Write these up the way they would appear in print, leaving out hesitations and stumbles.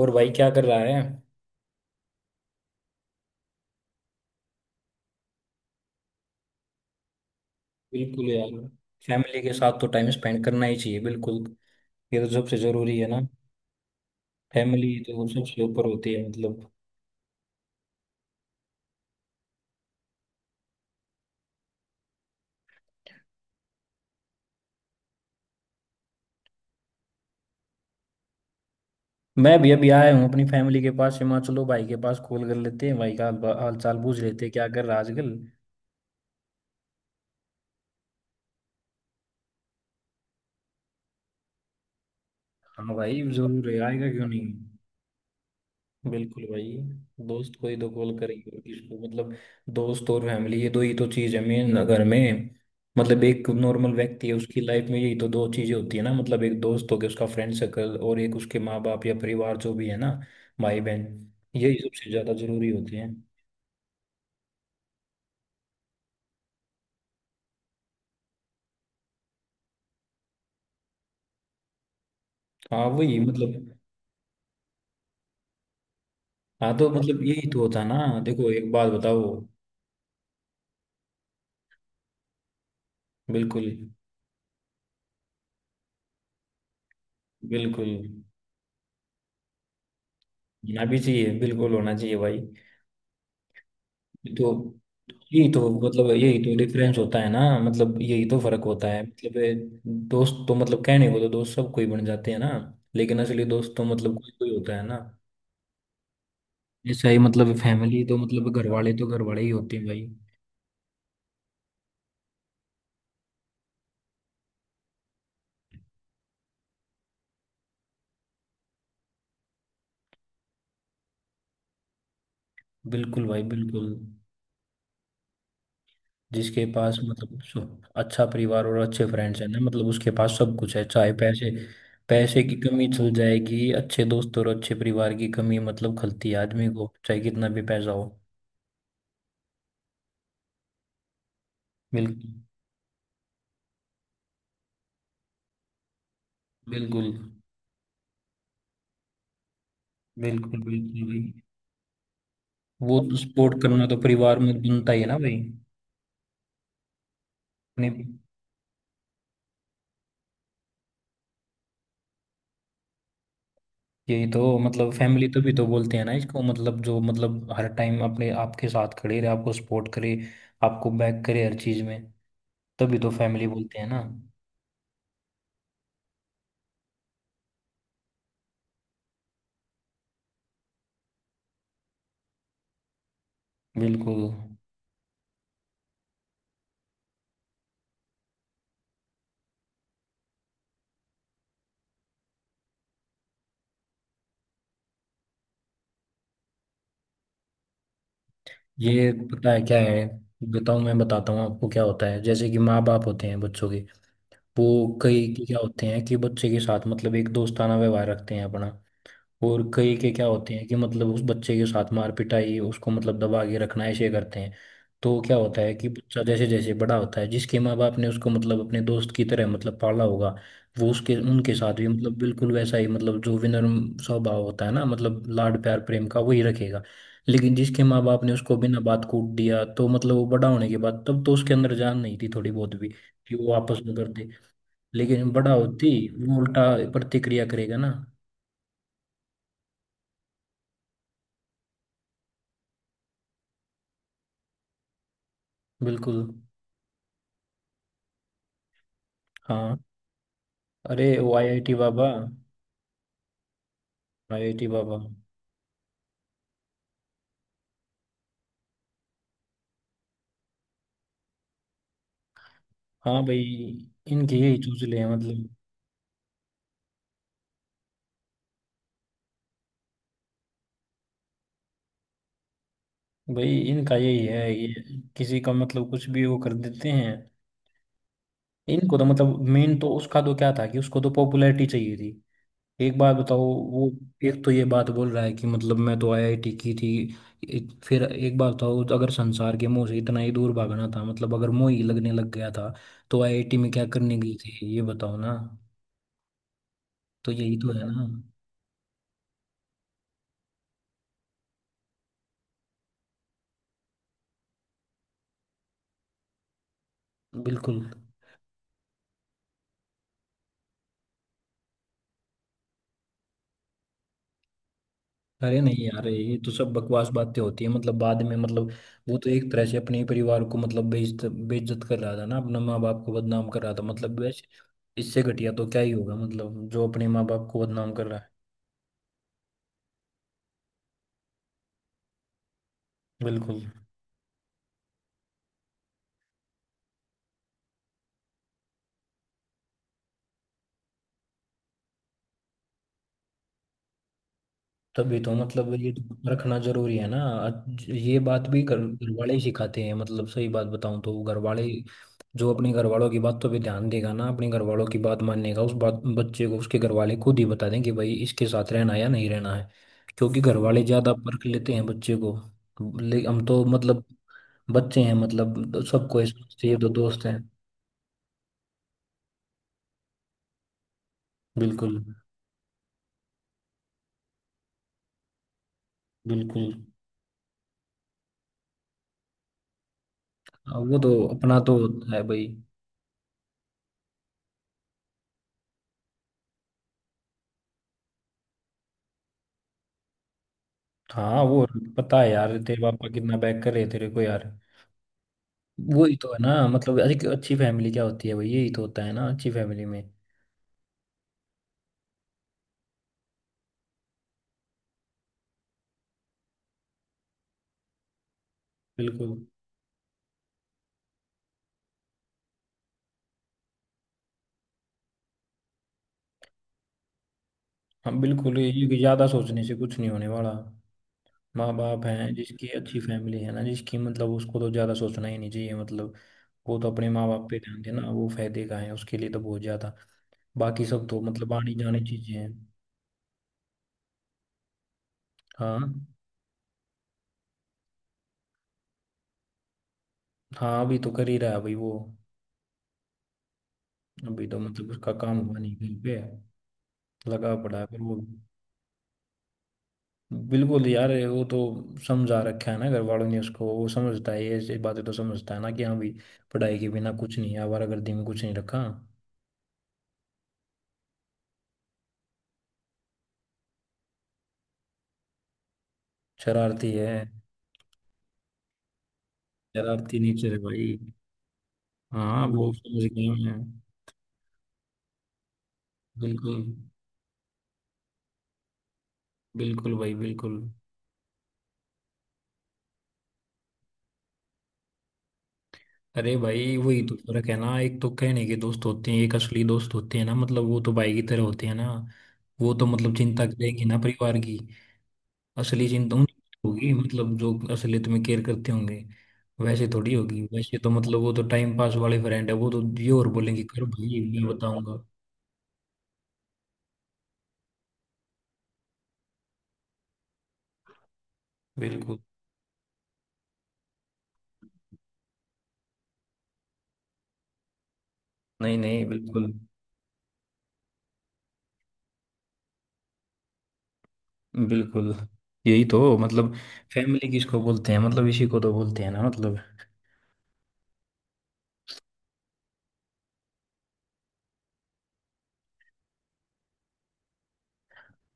और भाई क्या कर रहा है? बिल्कुल यार। फैमिली के साथ तो टाइम स्पेंड करना ही चाहिए बिल्कुल। ये तो सबसे जरूरी है ना। फैमिली तो सबसे ऊपर होती है मतलब। मैं भी अभी आया हूँ अपनी फैमिली के पास। मैं चलो भाई के पास कॉल कर लेते हैं। भाई का हाल हाल चाल पूछ लेते हैं, क्या कर रहा है आजकल। हाँ भाई जरूर है, आएगा क्यों नहीं। बिल्कुल भाई। दोस्त को ही तो कॉल करेंगे और किसको मतलब। दोस्त और फैमिली ये दो ही तो चीज है मेन अगर में। मतलब एक नॉर्मल व्यक्ति है, उसकी लाइफ में यही तो दो चीजें होती है ना। मतलब एक दोस्त हो गया उसका फ्रेंड सर्कल, और एक उसके माँ बाप या परिवार जो भी है ना। भाई बहन। यही सबसे ज्यादा जरूरी होती है। हाँ वही मतलब। हाँ तो मतलब यही तो होता है ना, देखो एक बात बताओ। बिल्कुल बिल्कुल, होना भी चाहिए, बिल्कुल होना चाहिए भाई। तो यही तो मतलब यही तो डिफरेंस होता है ना, मतलब यही तो फर्क होता है मतलब ये। दोस्त तो मतलब कहने को तो दोस्त सब कोई बन जाते हैं ना, लेकिन असली दोस्त तो मतलब कोई कोई होता है ना। ऐसा ही मतलब फैमिली तो मतलब घर वाले तो घर वाले ही होते हैं भाई। बिल्कुल भाई बिल्कुल। जिसके पास मतलब अच्छा परिवार और अच्छे फ्रेंड्स हैं ना, मतलब उसके पास सब कुछ है, चाहे पैसे। पैसे की कमी चल जाएगी, अच्छे दोस्त और अच्छे परिवार की कमी मतलब खलती है आदमी को, चाहे कितना भी पैसा हो। बिल्कुल बिल्कुल बिल्कुल। बिल्कुल भाई। वो तो सपोर्ट करना तो परिवार में बनता ही है ना भाई। अपने। यही तो मतलब फैमिली तो भी तो बोलते हैं ना इसको, मतलब जो मतलब हर टाइम अपने आपके साथ खड़े रहे, आपको सपोर्ट करे। आपको बैक करे हर चीज में। तभी तो फैमिली बोलते हैं ना। बिल्कुल। ये पता है क्या है, बताऊं, मैं बताता हूँ आपको क्या होता है। जैसे कि माँ बाप होते हैं बच्चों के। वो कई क्या होते हैं कि बच्चे के साथ मतलब एक दोस्ताना व्यवहार रखते हैं अपना। और कई के क्या होते हैं कि मतलब उस बच्चे के साथ मार पिटाई, उसको मतलब दबा के रखना, ऐसे करते हैं। तो क्या होता है कि बच्चा जैसे जैसे बड़ा होता है, जिसके माँ बाप ने उसको मतलब अपने दोस्त की तरह मतलब पाला होगा, वो उसके उनके साथ भी मतलब बिल्कुल वैसा ही, मतलब जो विनम्र स्वभाव होता है ना, मतलब लाड प्यार प्रेम का वही रखेगा। लेकिन जिसके माँ बाप ने उसको बिना बात कूट दिया, तो मतलब वो बड़ा होने के बाद तब तो उसके अंदर जान नहीं थी थोड़ी बहुत भी कि वो आपस में कर दे। लेकिन बड़ा होती वो उल्टा प्रतिक्रिया करेगा ना। बिल्कुल। हाँ। अरे ओ IIT बाबा। IIT बाबा हाँ। भाई इनके यही चूसले हैं मतलब। भाई इनका यही है ये। किसी का मतलब कुछ भी वो कर देते हैं। इनको तो मतलब मेन तो उसका तो क्या था कि उसको तो पॉपुलैरिटी चाहिए थी। एक बात बताओ। वो एक तो ये बात बोल रहा है कि मतलब मैं तो IIT की थी। फिर एक बात बताओ, अगर संसार के मोह से इतना ही दूर भागना था, मतलब अगर मोह ही लगने लग गया था, तो आईआईटी में क्या करने गई थी ये बताओ ना। तो यही तो है ना। बिल्कुल। अरे नहीं यार, ये तो सब बकवास बातें होती है, मतलब बाद में मतलब वो तो एक तरह से अपने ही परिवार को मतलब बेइज्जत बेइज्जत कर रहा था ना, अपना माँ बाप को बदनाम कर रहा था मतलब वैसे। इससे घटिया तो क्या ही होगा मतलब, जो अपने माँ बाप को बदनाम कर रहा है। बिल्कुल। तभी तो मतलब ये तो रखना जरूरी है ना, आज ये बात भी घर घर वाले ही सिखाते हैं, मतलब सही बात बताऊं तो घर वाले। जो अपने घर वालों की बातों पे ध्यान देगा ना, अपने घर वालों की बात मानने का, उस बात बच्चे को उसके घर वाले खुद ही बता दें कि भाई इसके साथ रहना या नहीं रहना है। क्योंकि घर वाले ज्यादा परख लेते हैं बच्चे को। ले हम तो मतलब बच्चे हैं, मतलब तो सबको ये समझते हैं, ये तो दोस्त हैं। बिल्कुल बिल्कुल। हाँ, वो तो अपना तो होता है भाई। हाँ वो, पता है यार तेरे पापा कितना बैक कर रहे हैं तेरे को यार। वही तो है ना मतलब, अरे कि अच्छी फैमिली क्या होती है भाई, यही तो होता है ना अच्छी फैमिली में। बिल्कुल। हम बिल्कुल, ये कि ज्यादा सोचने से कुछ नहीं होने वाला। माँ बाप हैं जिसकी, अच्छी फैमिली है ना जिसकी, मतलब उसको तो ज्यादा सोचना ही नहीं चाहिए मतलब। वो तो अपने माँ बाप पे ध्यान देना, वो फायदे का है उसके लिए तो, बहुत ज्यादा। बाकी सब तो मतलब आनी जानी चीजें हैं। हाँ। हाँ अभी तो कर ही रहा है भाई वो। अभी तो मतलब उसका काम हुआ नहीं कहीं पे, लगा पड़ा है पर वो। बिल्कुल यार, ये वो तो समझा रखा है ना घर वालों ने उसको, वो समझता है, ये ऐसी बातें तो समझता है ना कि हाँ भाई, पढ़ाई के बिना कुछ नहीं है, आवारागर्दी में कुछ नहीं रखा। शरारती है। शरारती नेचर है भाई। हाँ वो समझ गया मैं। बिल्कुल बिल्कुल भाई बिल्कुल। अरे भाई वही तो फर्क है ना, एक तो कहने के दोस्त होते हैं, एक असली दोस्त होते हैं ना, मतलब वो तो भाई की तरह होते हैं ना। वो तो मतलब चिंता करेंगे ना परिवार की। असली चिंता उनकी होगी, मतलब जो असलियत में केयर करते होंगे, वैसे थोड़ी होगी। वैसे तो मतलब वो तो टाइम पास वाले फ्रेंड है, वो तो ये और बोलेंगे कर भाई मैं बताऊंगा। बिल्कुल। नहीं नहीं, बिल्कुल बिल्कुल। यही तो मतलब फैमिली किसको बोलते हैं, मतलब इसी को तो बोलते हैं ना मतलब।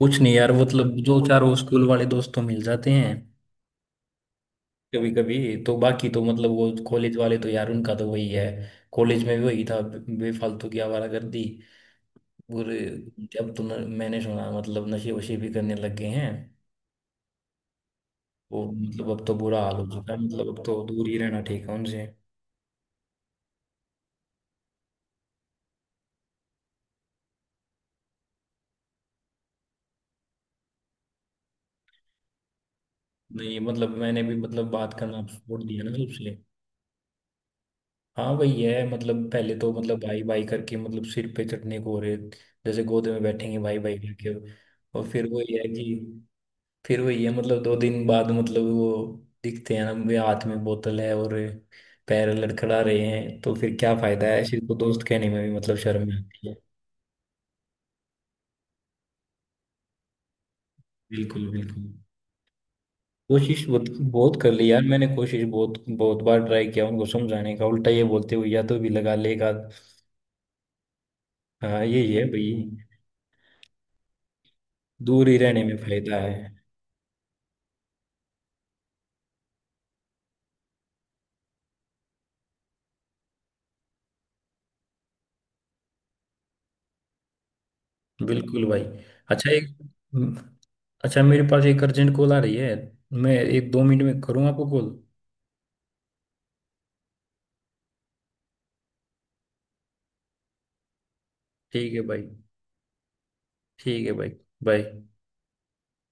कुछ नहीं यार, मतलब जो चारों स्कूल वाले दोस्त तो मिल जाते हैं कभी कभी तो। बाकी तो मतलब वो कॉलेज वाले तो यार उनका तो वही है, कॉलेज में भी वही था, बेफालतू की आवारागर्दी पूरे। अब तो मैंने सुना मतलब नशे वशे भी करने लग गए हैं वो। मतलब अब तो बुरा हाल हो चुका है, मतलब अब तो दूर ही रहना ठीक है उनसे। नहीं मतलब मैंने भी मतलब बात करना छोड़ दिया ना सबसे। हाँ वही है मतलब, पहले तो मतलब भाई भाई करके मतलब सिर पे चढ़ने को हो रहे, जैसे गोद में बैठेंगे भाई भाई करके। और फिर वही है कि, फिर वही है मतलब 2 दिन बाद मतलब वो दिखते हैं ना, वे हाथ में बोतल है और पैर लड़खड़ा रहे हैं, तो फिर क्या फायदा है। सिर्फ तो दोस्त कहने में भी मतलब शर्म आती है। बिल्कुल बिल्कुल। कोशिश बहुत बहुत कर ली यार मैंने, कोशिश बहुत बहुत बार ट्राई किया उनको समझाने का, उल्टा ये बोलते हुए या तो भी लगा लेगा। हाँ ये भाई, दूर ही रहने में फायदा है। बिल्कुल भाई। अच्छा एक, अच्छा मेरे पास एक अर्जेंट कॉल आ रही है। मैं 1-2 मिनट में करूँ आपको कॉल। ठीक है भाई। ठीक है भाई। बाय।